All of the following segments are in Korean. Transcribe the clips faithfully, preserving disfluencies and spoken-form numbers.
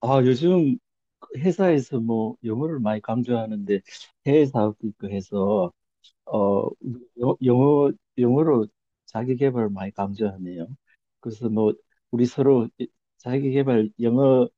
아, 요즘 회사에서 뭐 영어를 많이 강조하는데 해외 사업도 있고 해서 어 여- 영어 영어로 자기 개발을 많이 강조하네요. 그래서 뭐 우리 서로 이- 자기 개발 영어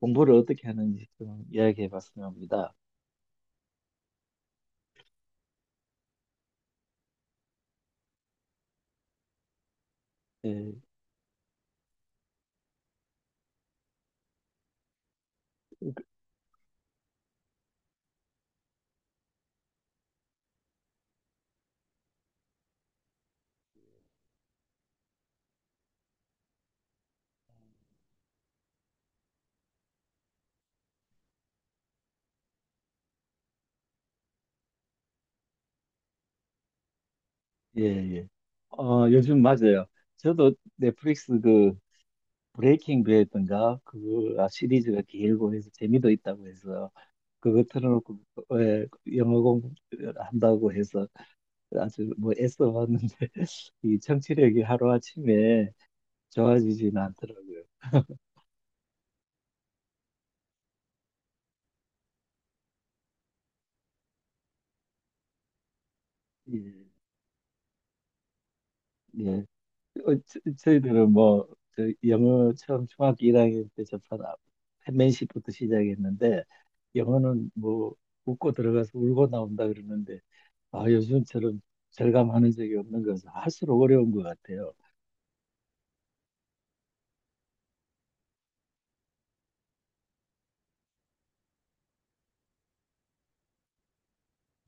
공부를 어떻게 하는지 좀 이야기해 봤으면 합니다. 예, 예, 예. 어, 요즘 맞아요. 저도 넷플릭스 그 브레이킹 배드인가 그거 시리즈가 길고 해서 재미도 있다고 해서 그거 틀어놓고, 예, 영어 공부한다고 해서 아주 뭐 애써봤는데 이 청취력이 하루아침에 좋아지진 않더라고요. 예, 예. 어, 저, 저희들은 뭐, 저 영어 처음 중학교 일 학년 때 접한 아- p 시부터 시작했는데, 영어는 뭐, 웃고 들어가서 울고 나온다 그러는데, 아, 요즘처럼 절감하는 적이 없는 것은 할수록 어려운 것 같아요.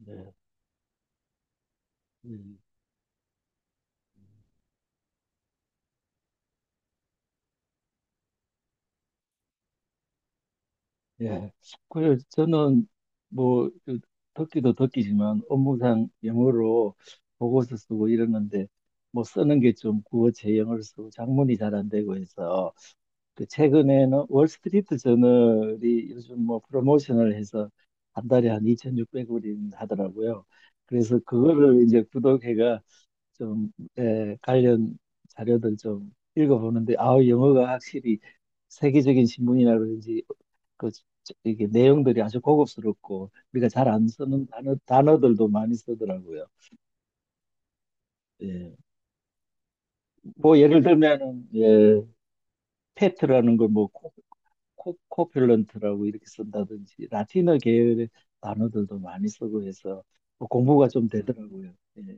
네. 네. 예. 그래서 저는 뭐그 듣기도 듣기지만 업무상 영어로 보고서 쓰고 이러는데 뭐 쓰는 게 좀 국어 제형을 쓰고 작문이 잘 안 되고 해서 그 최근에는 월스트리트 저널이 요즘 뭐 프로모션을 해서 한 달에 한 이천육백 불이 하더라고요. 그래서 그거를 이제 구독해가 좀 에, 관련 자료들 좀 읽어보는데 아우 영어가 확실히 세계적인 신문이라 그런지 그 저- 이게 내용들이 아주 고급스럽고 우리가 잘 안 쓰는 단어, 단어들도 많이 쓰더라고요. 예. 뭐 예를 들면은, 예, 페트라는 걸뭐 코필런트라고 이렇게 쓴다든지 라틴어 계열의 단어들도 많이 쓰고 해서 뭐 공부가 좀 되더라고요. 예.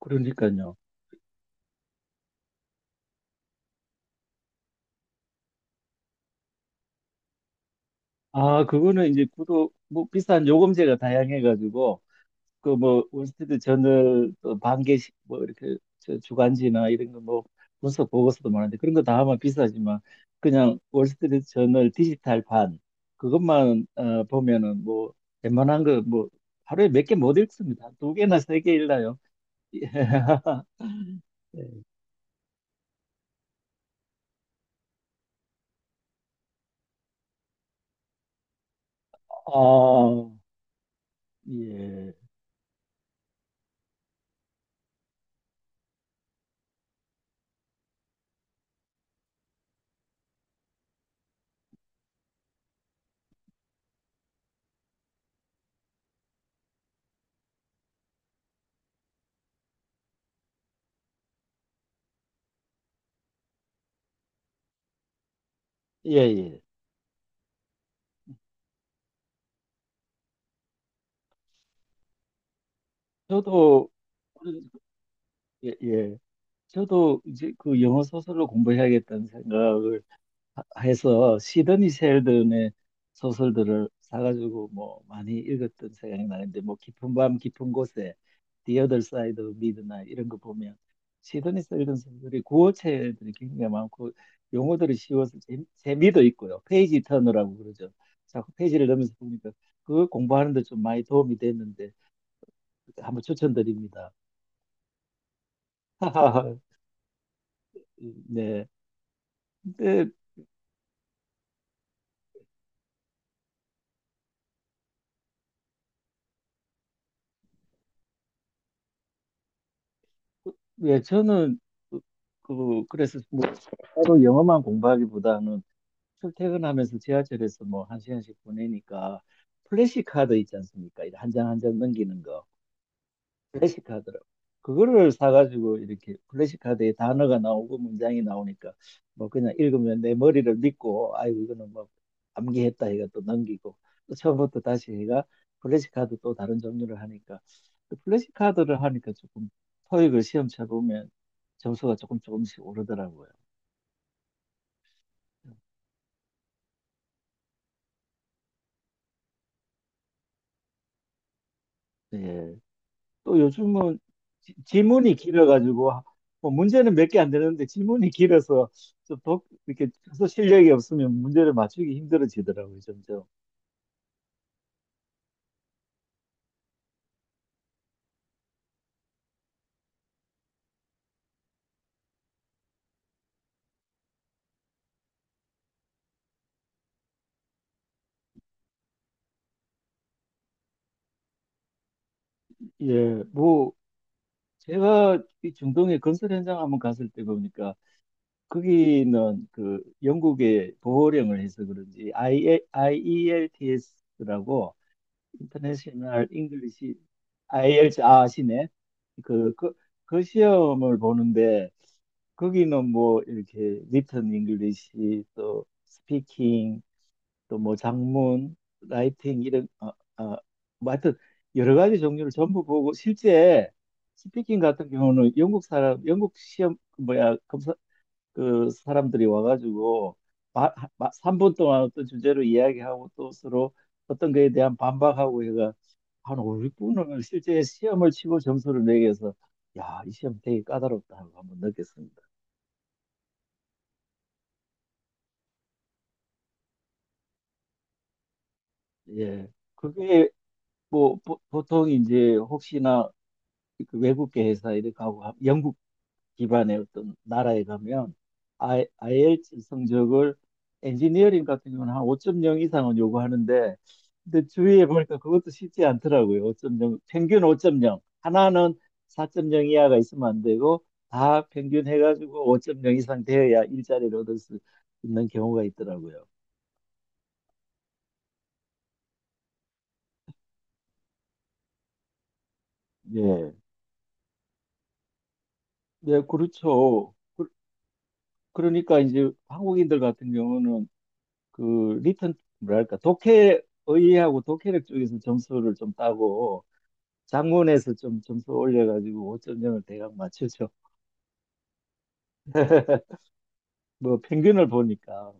그러니까요. 아, 그거는 이제 구독, 뭐 비싼 요금제가 다양해가지고 그 뭐 월스트리트 저널 또 반개씩 뭐 이렇게 저 주간지나 이런 거 뭐 분석 보고서도 많은데 그런 거 다 하면 비싸지만 그냥 월스트리트 저널 디지털판 그것만 어, 보면은 뭐 웬만한 거 뭐 하루에 몇 개 못 읽습니다. 두 개나 세 개 읽나요? 예. 아, 예. 예, 예. 저도 예, 예. 저도 이제 그 영어 소설로 공부해야겠다는 생각을 해서 시드니 셸든의 소설들을 사가지고 뭐 많이 읽었던 생각이 나는데, 뭐 깊은 밤 깊은 곳에, The Other Side of Midnight 이런 거 보면 시드니 셸든 소설이 구어체들이 굉장히 많고 용어들이 쉬워서 재미, 재미도 있고요. 페이지 터너라고 그러죠. 자꾸 페이지를 넘면서 보니까 그거 공부하는 데 좀 많이 도움이 됐는데 한번 추천드립니다. 네. 근데, 예, 저는 그, 그- 그래서 뭐 따로 영어만 공부하기보다는 출퇴근하면서 지하철에서 뭐 한 시간씩 보내니까 플래시카드 있지 않습니까? 한 장 한 장 넘기는 거. 플래시 카드라고. 그거를 사가지고 이렇게 플래시 카드에 단어가 나오고 문장이 나오니까 뭐 그냥 읽으면 내 머리를 믿고 아이고 이거는 뭐 암기했다 해가 또 넘기고 또 처음부터 다시 해가 플래시 카드 또 다른 종류를 하니까 그 플래시 카드를 하니까 조금 토익을 시험 쳐보면 점수가 조금 조금씩 오르더라고요. 예. 또 요즘은 지- 지문이 길어가지고 하- 뭐 문제는 몇 개 안 되는데 지문이 길어서 좀 독, 이렇게 해서 실력이 없으면 문제를 맞추기 힘들어지더라고요, 점점. 예, 뭐 제가 이 중동의 건설 현장 한번 갔을 때 보니까 거기는 그 영국의 보호령을 해서 그런지 아이엘츠라고, 인터내셔널 잉글리시. 아이엘츠 아시네? 그, 그, 그 시험을 보는데 거기는 뭐 이렇게 리턴 잉글리시 또 스피킹 또 뭐 장문 라이팅 이런 아, 아, 뭐 하여튼 여러 가지 종류를 전부 보고 실제 스피킹 같은 경우는 영국 사람 영국 시험 그 뭐야 검사 그 사람들이 와가지고 마, 마, 삼 분 동안 어떤 주제로 이야기하고 또 서로 어떤 거에 대한 반박하고 해가 한 오, 육 분을 실제 시험을 치고 점수를 매겨서 야, 이 시험 되게 까다롭다 하고 한번 느꼈습니다. 예. 그게 뭐 보, 보통 이제 혹시나 그 외국계 회사 이렇게 가고 하- 영국 기반의 어떤 나라에 가면 아이 이 엘 티 에스 성적을, 엔지니어링 같은 경우는 한 오 점 영 이상은 요구하는데 근데 주위에 보니까 그것도 쉽지 않더라고요. 오 점 영, 평균 오 점 영 하나는 사 점 영 이하가 있으면 안 되고 다 평균 해가지고 오 점 영 이상 되어야 일자리를 얻을 수 있는 경우가 있더라고요. 예. 네, 그렇죠. 그, 그러니까 이제 한국인들 같은 경우는 그 리턴 뭐랄까 독해 의의하고 독해력 쪽에서 점수를 좀 따고 작문에서 좀 점수 올려가지고 오 점 영을 대강 맞추죠. 뭐 평균을 보니까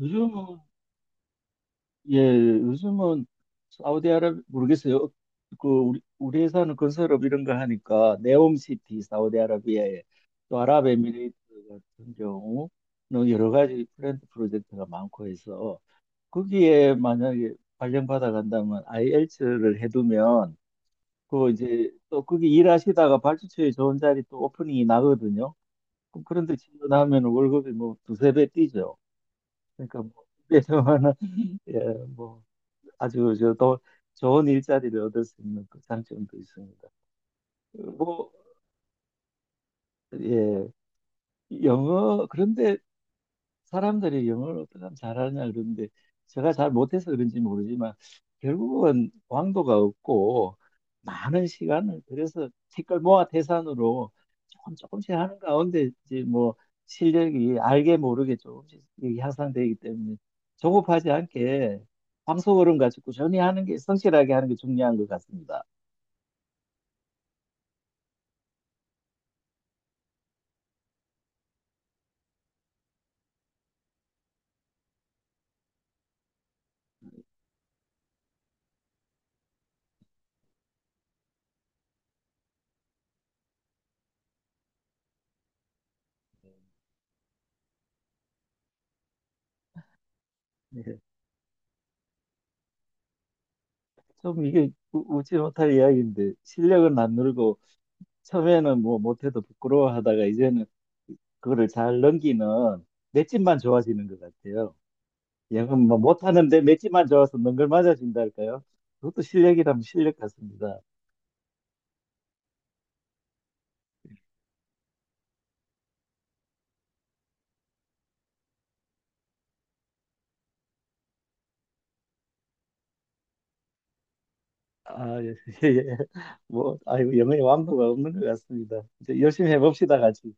요즘은, 예, 요즘은 사우디아라비아 모르겠어요. 그 우리 우리 회사는 건설업 이런 거 하니까 네옴시티 사우디아라비아에 또 아랍에미레이트 같은 경우는 여러 가지 프렌드 프로젝트가 많고 해서 거기에 만약에 발령받아 간다면 아이엘츠를 해두면 그 이제 또 거기 일하시다가 발주처에 좋은 자리 또 오프닝이 나거든요. 그럼 그런데 지원하면 월급이 뭐 두세 배 뛰죠. 그러니까 뭐 그래서 하나, 예, 뭐 아주 저, 더 좋은 일자리를 얻을 수 있는 그 장점도 있습니다. 뭐, 예, 영어, 그런데 사람들이 영어를 어떻게 하면 잘하냐, 그런데 제가 잘 못해서 그런지 모르지만 결국은 왕도가 없고 많은 시간을 들래서 티끌 모아 태산으로 조금 조금씩 하는 가운데 이제 뭐 실력이 알게 모르게 조금씩 이게 향상되기 때문에 조급하지 않게 황소걸음 같이 꾸준히 하는 게 성실하게 하는 게 중요한 것 같습니다. 네. 좀 이게 우- 웃지 못할 이야기인데 실력은 안 늘고 처음에는 뭐 못해도 부끄러워하다가 이제는 그거를 잘 넘기는 맷집만 좋아지는 것 같아요. 영은 뭐 못하는데 맷집만 좋아서 능글 맞아진다 할까요? 그것도 실력이라면 실력 같습니다. 아, 예, 예. 예. 뭐, 아이고, 영의 완도가 없는 것 같습니다. 이제 열심히 해봅시다, 같이.